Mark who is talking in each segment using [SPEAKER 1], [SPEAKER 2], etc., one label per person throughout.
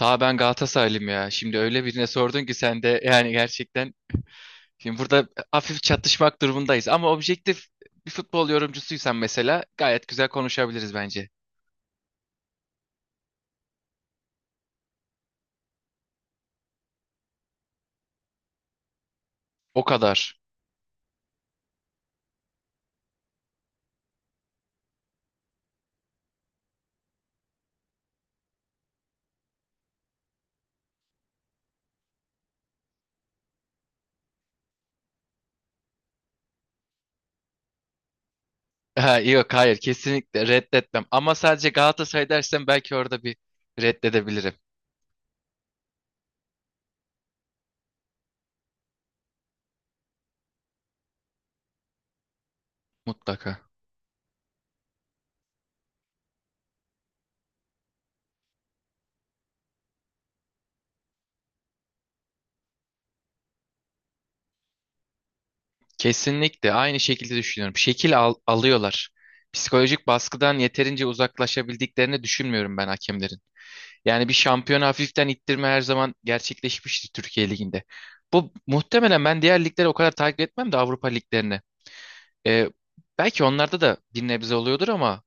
[SPEAKER 1] Daha ben Galatasaraylıyım ya. Şimdi öyle birine sordun ki sen de yani gerçekten şimdi burada hafif çatışmak durumundayız. Ama objektif bir futbol yorumcusuysan mesela gayet güzel konuşabiliriz bence. O kadar. Ha, yok hayır kesinlikle reddetmem. Ama sadece Galatasaray dersen belki orada bir reddedebilirim. Mutlaka. Kesinlikle aynı şekilde düşünüyorum. Alıyorlar. Psikolojik baskıdan yeterince uzaklaşabildiklerini düşünmüyorum ben hakemlerin. Yani bir şampiyon hafiften ittirme her zaman gerçekleşmişti Türkiye Ligi'nde. Bu muhtemelen ben diğer ligleri o kadar takip etmem de Avrupa liglerini. Ee, Belki onlarda da bir nebze oluyordur ama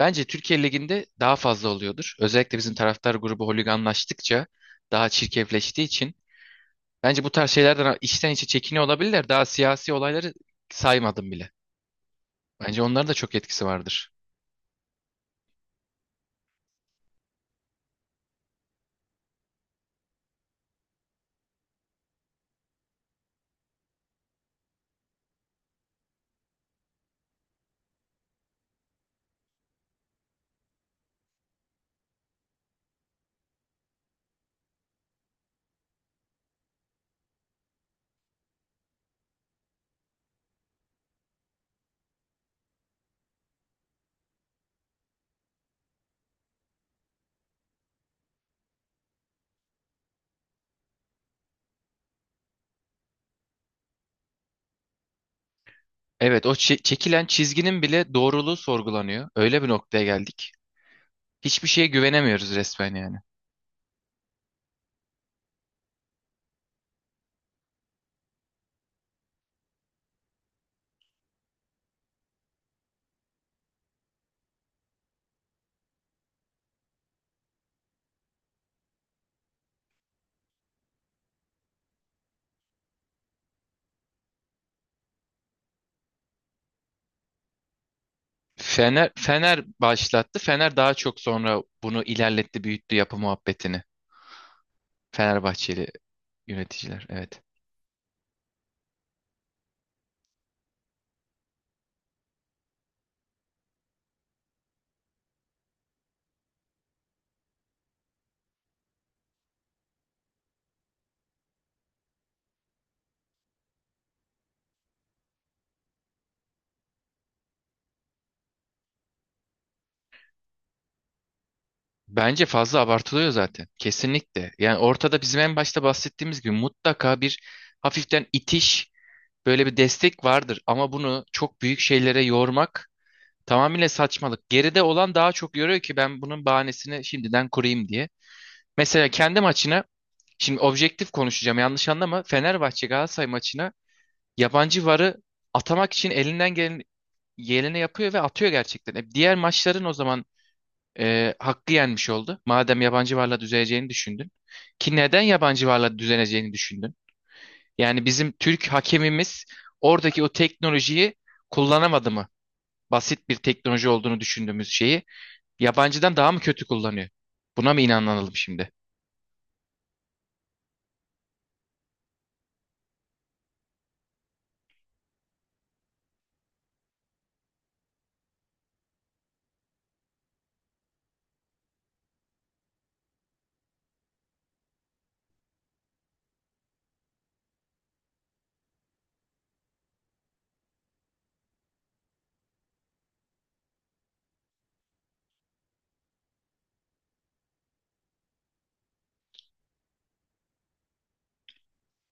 [SPEAKER 1] bence Türkiye Ligi'nde daha fazla oluyordur. Özellikle bizim taraftar grubu holiganlaştıkça daha çirkefleştiği için. Bence bu tarz şeylerden içten içe çekiniyor olabilirler. Daha siyasi olayları saymadım bile. Bence onların da çok etkisi vardır. Evet, çekilen çizginin bile doğruluğu sorgulanıyor. Öyle bir noktaya geldik. Hiçbir şeye güvenemiyoruz resmen yani. Fener başlattı. Fener daha çok sonra bunu ilerletti, büyüttü yapı muhabbetini. Fenerbahçeli yöneticiler. Evet. Bence fazla abartılıyor zaten. Kesinlikle. Yani ortada bizim en başta bahsettiğimiz gibi mutlaka bir hafiften itiş, böyle bir destek vardır. Ama bunu çok büyük şeylere yormak tamamıyla saçmalık. Geride olan daha çok yoruyor ki ben bunun bahanesini şimdiden kurayım diye. Mesela kendi maçına şimdi objektif konuşacağım, yanlış anlama. Fenerbahçe Galatasaray maçına yabancı varı atamak için elinden gelen geleni yapıyor ve atıyor gerçekten. Diğer maçların o zaman hakkı yenmiş oldu. Madem yabancı varla düzeleceğini düşündün. Ki neden yabancı varla düzeleceğini düşündün? Yani bizim Türk hakemimiz oradaki o teknolojiyi kullanamadı mı? Basit bir teknoloji olduğunu düşündüğümüz şeyi yabancıdan daha mı kötü kullanıyor? Buna mı inanalım şimdi?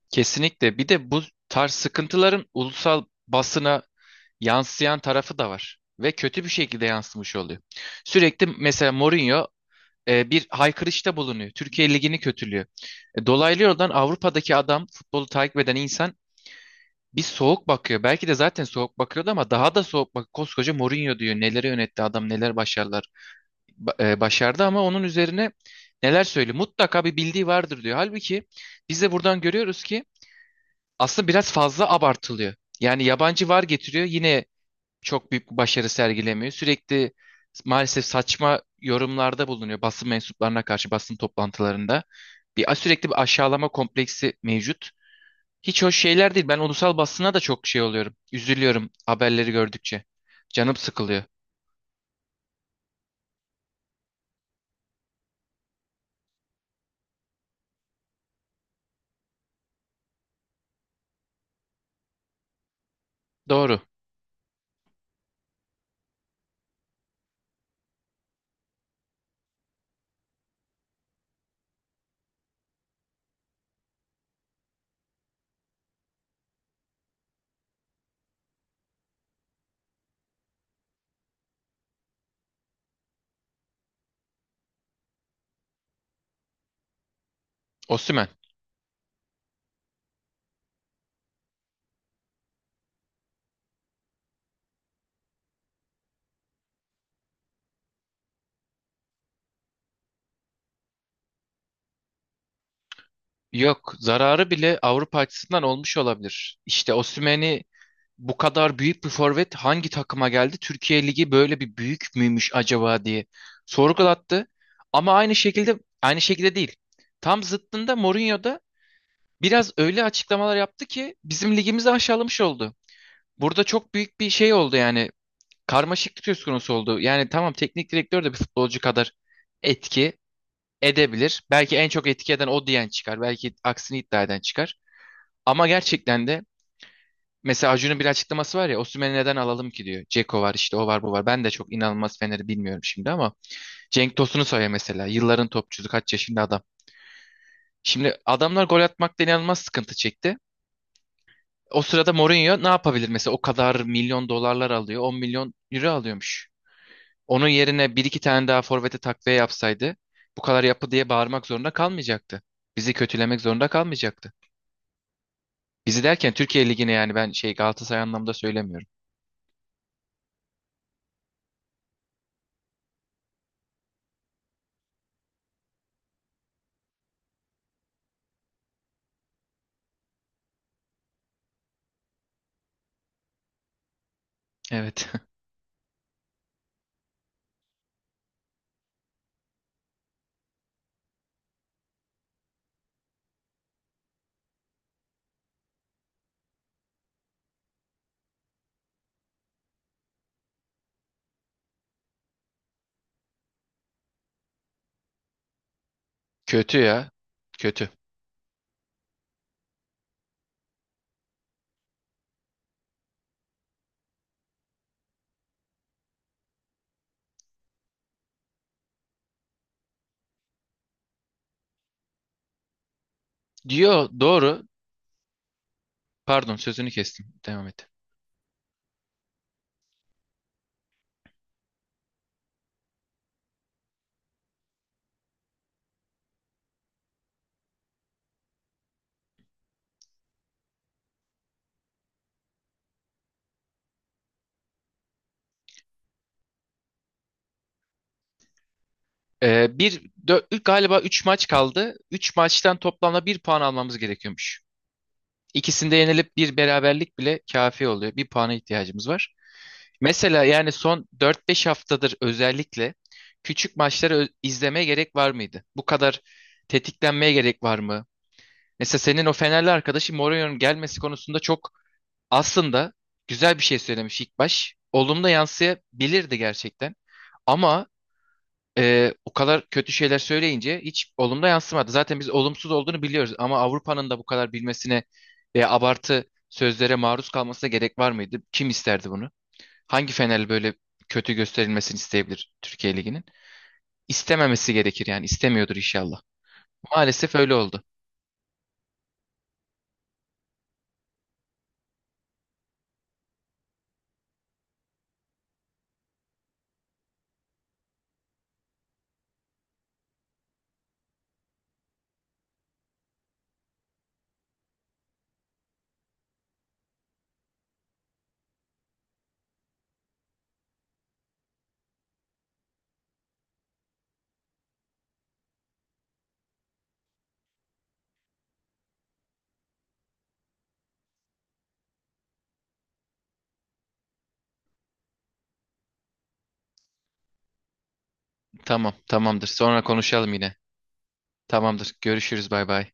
[SPEAKER 1] Kesinlikle. Bir de bu tarz sıkıntıların ulusal basına yansıyan tarafı da var. Ve kötü bir şekilde yansımış oluyor. Sürekli mesela Mourinho bir haykırışta bulunuyor. Türkiye Ligi'ni kötülüyor. Dolaylı yoldan Avrupa'daki adam, futbolu takip eden insan bir soğuk bakıyor. Belki de zaten soğuk bakıyordu ama daha da soğuk bak. Koskoca Mourinho diyor. Neleri yönetti adam, neler başarılar başardı, ama onun üzerine neler söylüyor? Mutlaka bir bildiği vardır diyor. Halbuki biz de buradan görüyoruz ki aslında biraz fazla abartılıyor. Yani yabancı var getiriyor, yine çok büyük bir başarı sergilemiyor. Sürekli maalesef saçma yorumlarda bulunuyor basın mensuplarına karşı, basın toplantılarında. Sürekli bir aşağılama kompleksi mevcut. Hiç hoş şeyler değil. Ben ulusal basına da çok şey oluyorum. Üzülüyorum haberleri gördükçe. Canım sıkılıyor. Doğru. Osimhen. Yok, zararı bile Avrupa açısından olmuş olabilir. İşte Osimhen'i bu kadar büyük bir forvet hangi takıma geldi? Türkiye Ligi böyle bir büyük müymüş acaba diye sorgulattı. Ama aynı şekilde değil. Tam zıttında Mourinho da biraz öyle açıklamalar yaptı ki bizim ligimizi aşağılamış oldu. Burada çok büyük bir şey oldu yani. Karmaşıklık söz konusu oldu. Yani tamam, teknik direktör de bir futbolcu kadar etki edebilir. Belki en çok etki eden o diyen çıkar. Belki aksini iddia eden çıkar. Ama gerçekten de mesela Acun'un bir açıklaması var ya, Osimhen'i neden alalım ki diyor. Ceko var işte, o var bu var. Ben de çok inanılmaz Fener'i bilmiyorum şimdi ama Cenk Tosun'u söyle mesela. Yılların topçusu, kaç yaşında adam. Şimdi adamlar gol atmakta inanılmaz sıkıntı çekti. O sırada Mourinho ne yapabilir mesela, o kadar milyon dolarlar alıyor, 10 milyon euro alıyormuş. Onun yerine bir iki tane daha forvete takviye yapsaydı bu kadar yapı diye bağırmak zorunda kalmayacaktı. Bizi kötülemek zorunda kalmayacaktı. Bizi derken Türkiye Ligi'ne yani, ben şey Galatasaray anlamda söylemiyorum. Evet. Kötü ya. Kötü. Diyor doğru. Pardon sözünü kestim. Devam et. Ee, bir, Galiba 3 maç kaldı. 3 maçtan toplamda bir puan almamız gerekiyormuş. İkisinde yenilip bir beraberlik bile kafi oluyor. Bir puana ihtiyacımız var. Mesela yani son dört beş haftadır özellikle küçük maçları izlemeye gerek var mıydı? Bu kadar tetiklenmeye gerek var mı? Mesela senin o Fenerli arkadaşı Mourinho'nun gelmesi konusunda çok aslında güzel bir şey söylemiş ilk baş. Olumlu yansıyabilirdi gerçekten. Ama o kadar kötü şeyler söyleyince hiç olumlu yansımadı. Zaten biz olumsuz olduğunu biliyoruz, ama Avrupa'nın da bu kadar bilmesine ve abartı sözlere maruz kalmasına gerek var mıydı? Kim isterdi bunu? Hangi Fenerli böyle kötü gösterilmesini isteyebilir Türkiye Ligi'nin? İstememesi gerekir yani, istemiyordur inşallah. Maalesef öyle oldu. Tamam, tamamdır. Sonra konuşalım yine. Tamamdır. Görüşürüz. Bay bay.